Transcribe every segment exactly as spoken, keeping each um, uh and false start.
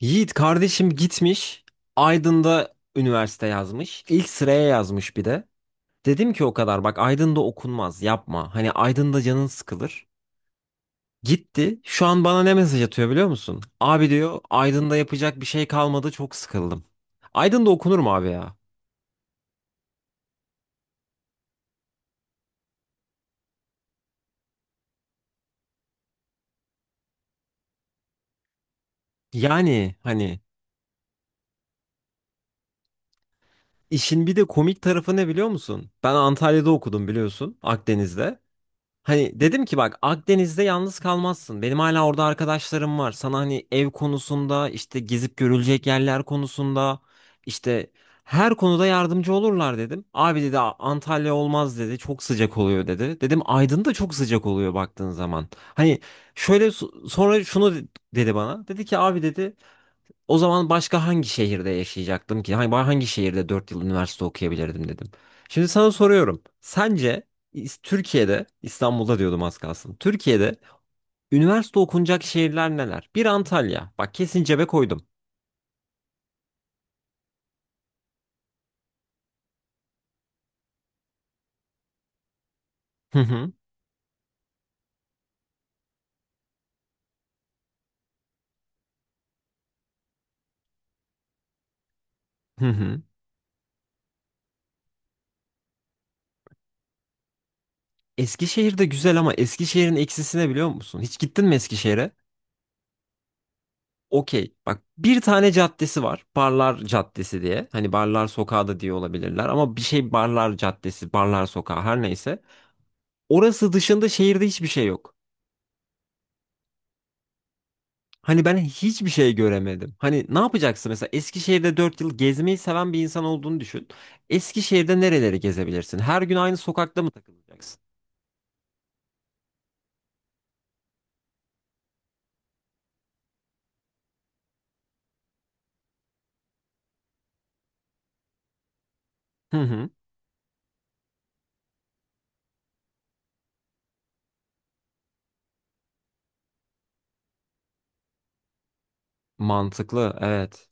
Yiğit kardeşim gitmiş. Aydın'da üniversite yazmış. İlk sıraya yazmış bir de. Dedim ki o kadar bak Aydın'da okunmaz yapma. Hani Aydın'da canın sıkılır. Gitti. Şu an bana ne mesaj atıyor biliyor musun? Abi diyor Aydın'da yapacak bir şey kalmadı çok sıkıldım. Aydın'da okunur mu abi ya? Yani hani işin bir de komik tarafı ne biliyor musun? Ben Antalya'da okudum biliyorsun Akdeniz'de. Hani dedim ki bak Akdeniz'de yalnız kalmazsın. Benim hala orada arkadaşlarım var. Sana hani ev konusunda, işte gezip görülecek yerler konusunda, işte her konuda yardımcı olurlar dedim. Abi dedi, "A- Antalya olmaz," dedi. "Çok sıcak oluyor," dedi. Dedim Aydın da çok sıcak oluyor baktığın zaman. Hani şöyle so- sonra şunu de- dedi bana. Dedi ki abi dedi o zaman başka hangi şehirde yaşayacaktım ki? Hani hangi şehirde dört yıl üniversite okuyabilirdim dedim. Şimdi sana soruyorum. Sence İs- Türkiye'de, İstanbul'da diyordum az kalsın. Türkiye'de üniversite okunacak şehirler neler? Bir Antalya. Bak kesin cebe koydum. Hı hı. Hı hı. Eskişehir de güzel ama Eskişehir'in eksisi ne biliyor musun? Hiç gittin mi Eskişehir'e? Okey. Bak bir tane caddesi var. Barlar Caddesi diye. Hani Barlar Sokağı da diye olabilirler ama bir şey, Barlar Caddesi, Barlar Sokağı her neyse. Orası dışında şehirde hiçbir şey yok. Hani ben hiçbir şey göremedim. Hani ne yapacaksın mesela Eskişehir'de dört yıl gezmeyi seven bir insan olduğunu düşün. Eskişehir'de nereleri gezebilirsin? Her gün aynı sokakta mı takılacaksın? Hı hı. Mantıklı, evet.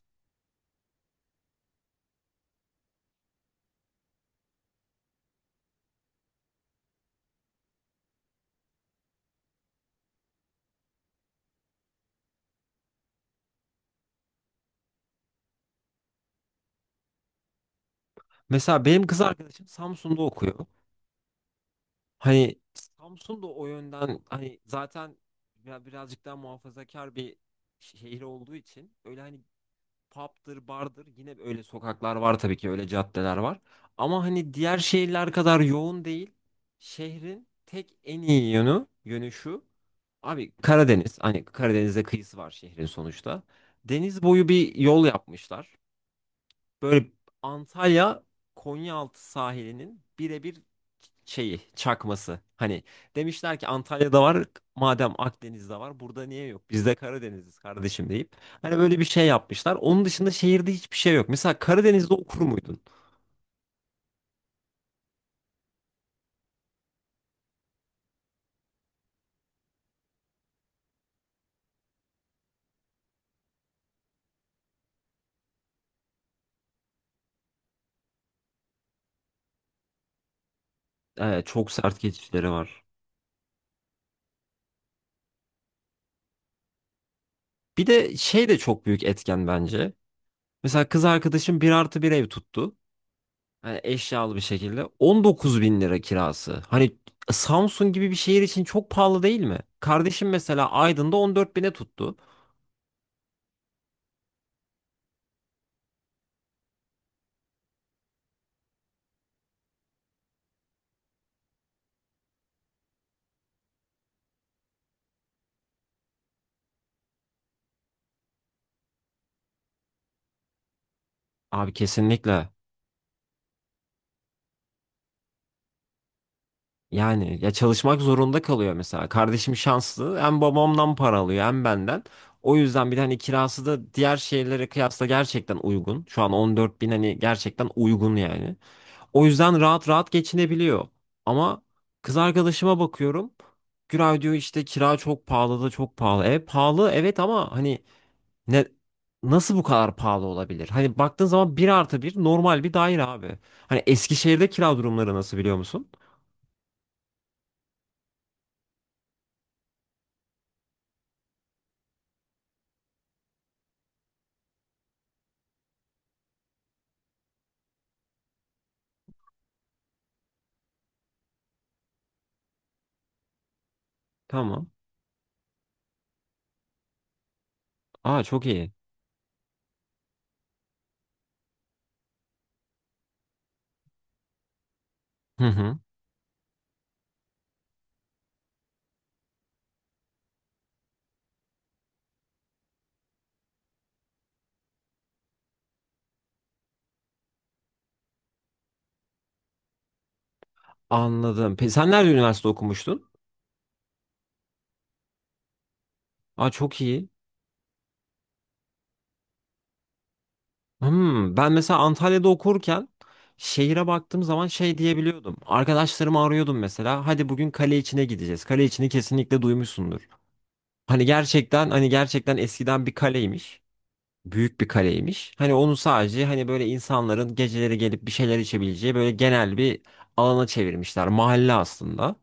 Mesela benim kız arkadaşım Samsun'da okuyor. Hani Samsun'da o yönden hani zaten ya birazcık daha muhafazakar bir şehir olduğu için öyle hani pub'dır, bardır. Yine öyle sokaklar var tabii ki, öyle caddeler var. Ama hani diğer şehirler kadar yoğun değil. Şehrin tek en iyi yönü, yönü şu. Abi Karadeniz, hani Karadeniz'de kıyısı var şehrin sonuçta. Deniz boyu bir yol yapmışlar. Böyle Antalya Konyaaltı sahilinin birebir şeyi, çakması. Hani demişler ki Antalya'da var, madem Akdeniz'de var burada niye yok? Biz de Karadeniz'iz kardeşim deyip. Hani böyle bir şey yapmışlar. Onun dışında şehirde hiçbir şey yok. Mesela Karadeniz'de okur muydun? Ee, çok sert geçişleri var. Bir de şey de çok büyük etken bence. Mesela kız arkadaşım bir artı bir ev tuttu. Yani eşyalı bir şekilde. on dokuz bin lira kirası. Hani Samsun gibi bir şehir için çok pahalı değil mi? Kardeşim mesela Aydın'da on dört bine tuttu. Abi kesinlikle. Yani ya çalışmak zorunda kalıyor mesela. Kardeşim şanslı. Hem babamdan para alıyor hem benden. O yüzden bir de hani kirası da diğer şehirlere kıyasla gerçekten uygun. Şu an on dört bin hani gerçekten uygun yani. O yüzden rahat rahat geçinebiliyor. Ama kız arkadaşıma bakıyorum. Güray diyor işte kira çok pahalı da çok pahalı. E pahalı evet ama hani ne, nasıl bu kadar pahalı olabilir? Hani baktığın zaman bir artı bir normal bir daire abi. Hani Eskişehir'de kira durumları nasıl biliyor musun? Tamam. Aa çok iyi. Hı hı. Anladım. Pe sen nerede üniversite okumuştun? Aa çok iyi. Hmm, ben mesela Antalya'da okurken şehire baktığım zaman şey diyebiliyordum. Arkadaşlarımı arıyordum mesela. Hadi bugün kale içine gideceğiz. Kale içini kesinlikle duymuşsundur. Hani gerçekten hani gerçekten eskiden bir kaleymiş. Büyük bir kaleymiş. Hani onu sadece hani böyle insanların geceleri gelip bir şeyler içebileceği böyle genel bir alana çevirmişler. Mahalle aslında.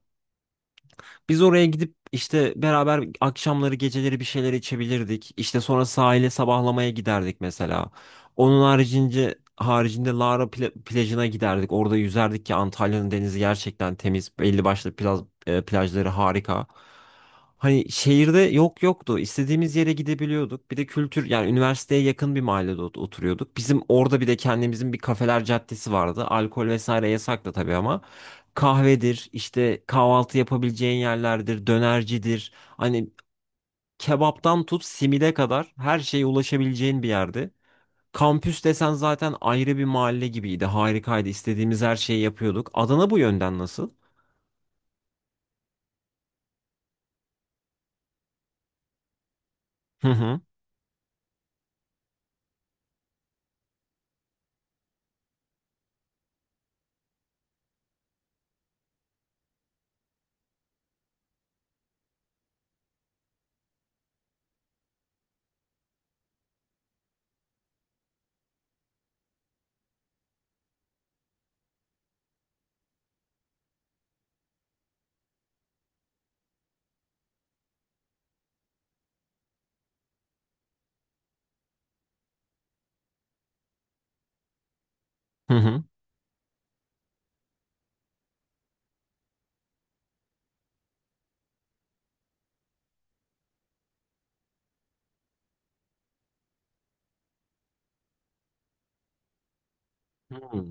Biz oraya gidip işte beraber akşamları geceleri bir şeyler içebilirdik. İşte sonra sahile sabahlamaya giderdik mesela. Onun haricince haricinde Lara pla- plajına giderdik. Orada yüzerdik ki Antalya'nın denizi gerçekten temiz. Belli başlı plaj, e, plajları harika. Hani şehirde yok yoktu. İstediğimiz yere gidebiliyorduk. Bir de kültür, yani üniversiteye yakın bir mahallede ot- oturuyorduk. Bizim orada bir de kendimizin bir kafeler caddesi vardı. Alkol vesaire yasaktı tabii ama kahvedir, işte kahvaltı yapabileceğin yerlerdir, dönercidir. Hani kebaptan tut simide kadar her şeye ulaşabileceğin bir yerdi. Kampüs desen zaten ayrı bir mahalle gibiydi. Harikaydı. İstediğimiz her şeyi yapıyorduk. Adana bu yönden nasıl? Hı hı. Hı hı. Hı.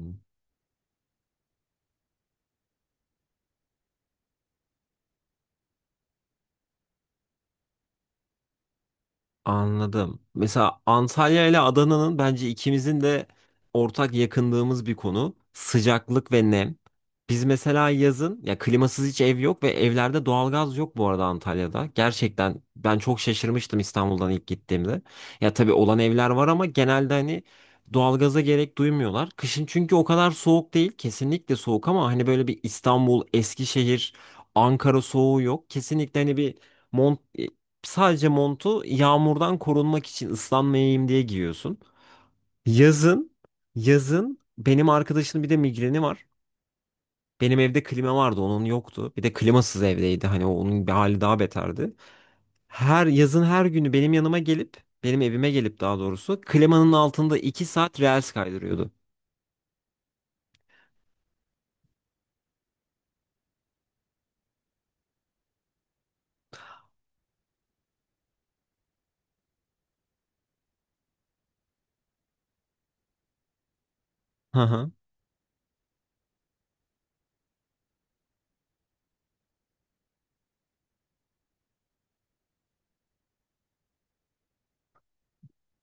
Anladım. Mesela Antalya ile Adana'nın bence ikimizin de ortak yakındığımız bir konu sıcaklık ve nem. Biz mesela yazın ya klimasız hiç ev yok ve evlerde doğalgaz yok bu arada Antalya'da. Gerçekten ben çok şaşırmıştım İstanbul'dan ilk gittiğimde. Ya tabii olan evler var ama genelde hani doğalgaza gerek duymuyorlar. Kışın çünkü o kadar soğuk değil. Kesinlikle soğuk ama hani böyle bir İstanbul, Eskişehir, Ankara soğuğu yok. Kesinlikle hani bir Mont Sadece montu yağmurdan korunmak için ıslanmayayım diye giyiyorsun. Yazın, yazın benim arkadaşının bir de migreni var. Benim evde klima vardı, onun yoktu. Bir de klimasız evdeydi. Hani onun bir hali daha beterdi. Her yazın her günü benim yanıma gelip, benim evime gelip daha doğrusu klimanın altında iki saat reels kaydırıyordu.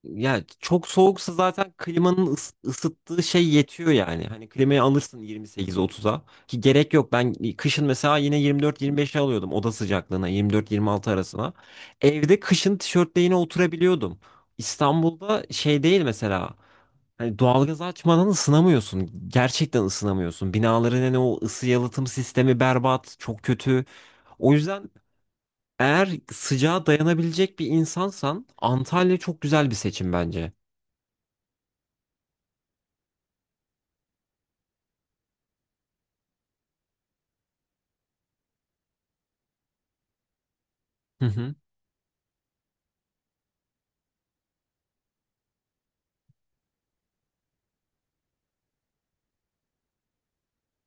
Ya çok soğuksa zaten klimanın ıs- ısıttığı şey yetiyor yani. Hani klimayı alırsın yirmi sekiz otuza ki gerek yok. Ben kışın mesela yine yirmi dört yirmi beşe alıyordum oda sıcaklığına, yirmi dört yirmi altı arasına. Evde kışın tişörtle yine oturabiliyordum. İstanbul'da şey değil mesela. Hani doğalgaz açmadan ısınamıyorsun. Gerçekten ısınamıyorsun. Binaların hani o ısı yalıtım sistemi berbat, çok kötü. O yüzden eğer sıcağa dayanabilecek bir insansan Antalya çok güzel bir seçim bence. Hı hı.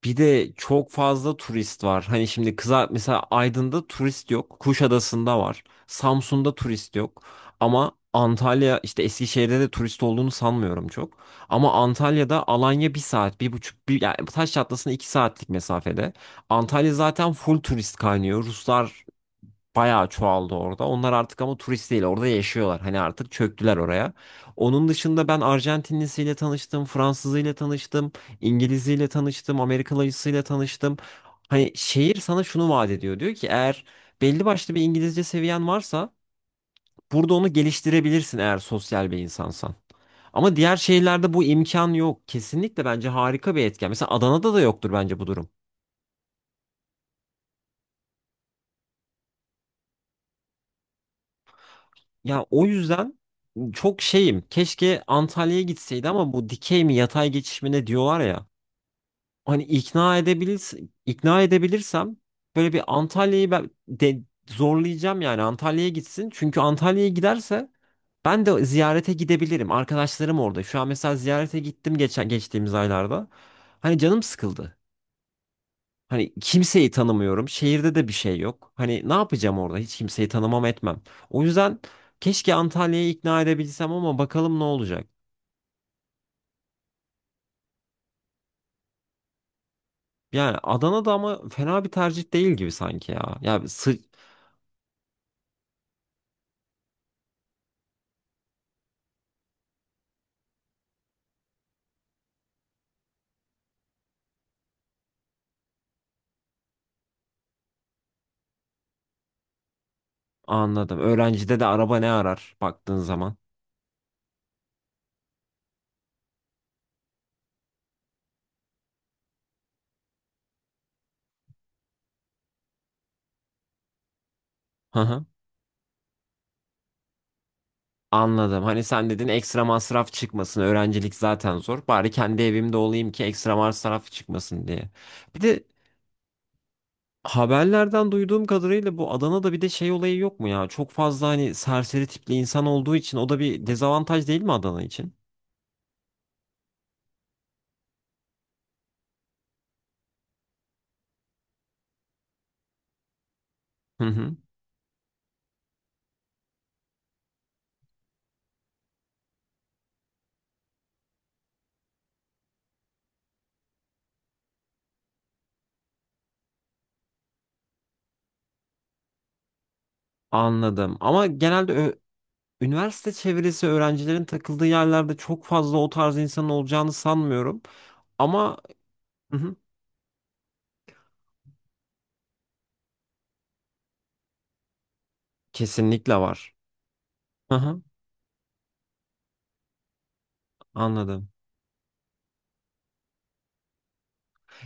Bir de çok fazla turist var. Hani şimdi kıza mesela Aydın'da turist yok. Kuşadası'nda var. Samsun'da turist yok. Ama Antalya işte, Eskişehir'de de turist olduğunu sanmıyorum çok. Ama Antalya'da Alanya bir saat, bir buçuk, bir, yani Taş Çatlası'na iki saatlik mesafede. Antalya zaten full turist kaynıyor. Ruslar bayağı çoğaldı orada. Onlar artık ama turist değil, orada yaşıyorlar. Hani artık çöktüler oraya. Onun dışında ben Arjantinlisiyle tanıştım, Fransızıyla tanıştım, İngiliziyle tanıştım, Amerikalısıyla tanıştım. Hani şehir sana şunu vaat ediyor. Diyor ki eğer belli başlı bir İngilizce seviyen varsa burada onu geliştirebilirsin eğer sosyal bir insansan. Ama diğer şehirlerde bu imkan yok. Kesinlikle bence harika bir etken. Mesela Adana'da da yoktur bence bu durum. Ya o yüzden çok şeyim. Keşke Antalya'ya gitseydi ama bu dikey mi yatay geçiş mi ne diyorlar ya. Hani ikna edebilir, ikna edebilirsem böyle bir Antalya'yı ben de zorlayacağım yani Antalya'ya gitsin. Çünkü Antalya'ya giderse ben de ziyarete gidebilirim. Arkadaşlarım orada. Şu an mesela ziyarete gittim geçen geçtiğimiz aylarda. Hani canım sıkıldı. Hani kimseyi tanımıyorum. Şehirde de bir şey yok. Hani ne yapacağım orada? Hiç kimseyi tanımam etmem. O yüzden keşke Antalya'yı ikna edebilsem ama bakalım ne olacak. Yani Adana'da ama fena bir tercih değil gibi sanki ya. Ya sı Anladım. Öğrencide de araba ne arar baktığın zaman. Hı hı. Anladım. Hani sen dedin ekstra masraf çıkmasın. Öğrencilik zaten zor. Bari kendi evimde olayım ki ekstra masraf çıkmasın diye. Bir de haberlerden duyduğum kadarıyla bu Adana'da bir de şey olayı yok mu ya? Çok fazla hani serseri tipli insan olduğu için o da bir dezavantaj değil mi Adana için? Hı hı. Anladım. Ama genelde ö- üniversite çevresi öğrencilerin takıldığı yerlerde çok fazla o tarz insanın olacağını sanmıyorum. Ama hı hı. Kesinlikle var. Hı hı. Anladım.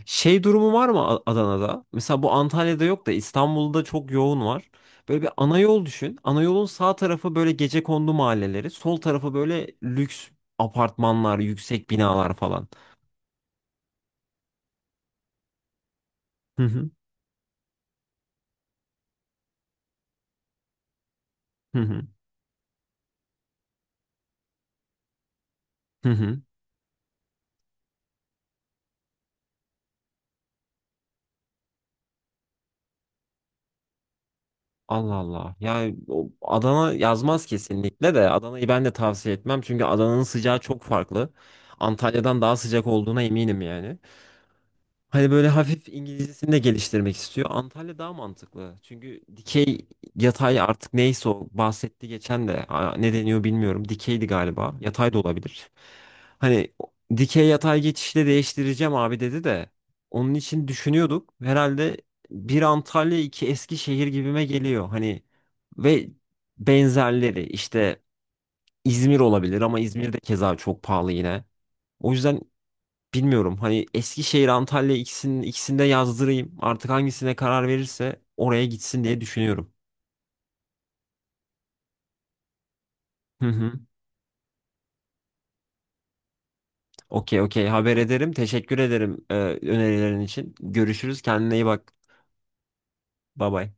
Şey durumu var mı A- Adana'da? Mesela bu Antalya'da yok da İstanbul'da çok yoğun var. Böyle bir ana yol düşün. Ana yolun sağ tarafı böyle gecekondu mahalleleri, sol tarafı böyle lüks apartmanlar, yüksek binalar falan. Hı hı. Hı hı. Hı hı. Allah Allah. Yani o Adana yazmaz kesinlikle de, Adana'yı ben de tavsiye etmem çünkü Adana'nın sıcağı çok farklı. Antalya'dan daha sıcak olduğuna eminim yani. Hani böyle hafif İngilizcesini de geliştirmek istiyor. Antalya daha mantıklı. Çünkü dikey yatay artık neyse o bahsetti geçen de. Aa, ne deniyor bilmiyorum. Dikeydi galiba. Yatay da olabilir. Hani o- dikey yatay geçişle değiştireceğim abi dedi de onun için düşünüyorduk. Herhalde bir Antalya iki Eskişehir gibime geliyor. Hani ve benzerleri işte İzmir olabilir ama İzmir de keza çok pahalı yine. O yüzden bilmiyorum hani Eskişehir, Antalya ikisinin ikisinde yazdırayım. Artık hangisine karar verirse oraya gitsin diye düşünüyorum. Hı hı. Okey, okey, haber ederim. Teşekkür ederim e, önerilerin için. Görüşürüz. Kendine iyi bak. Bay bay.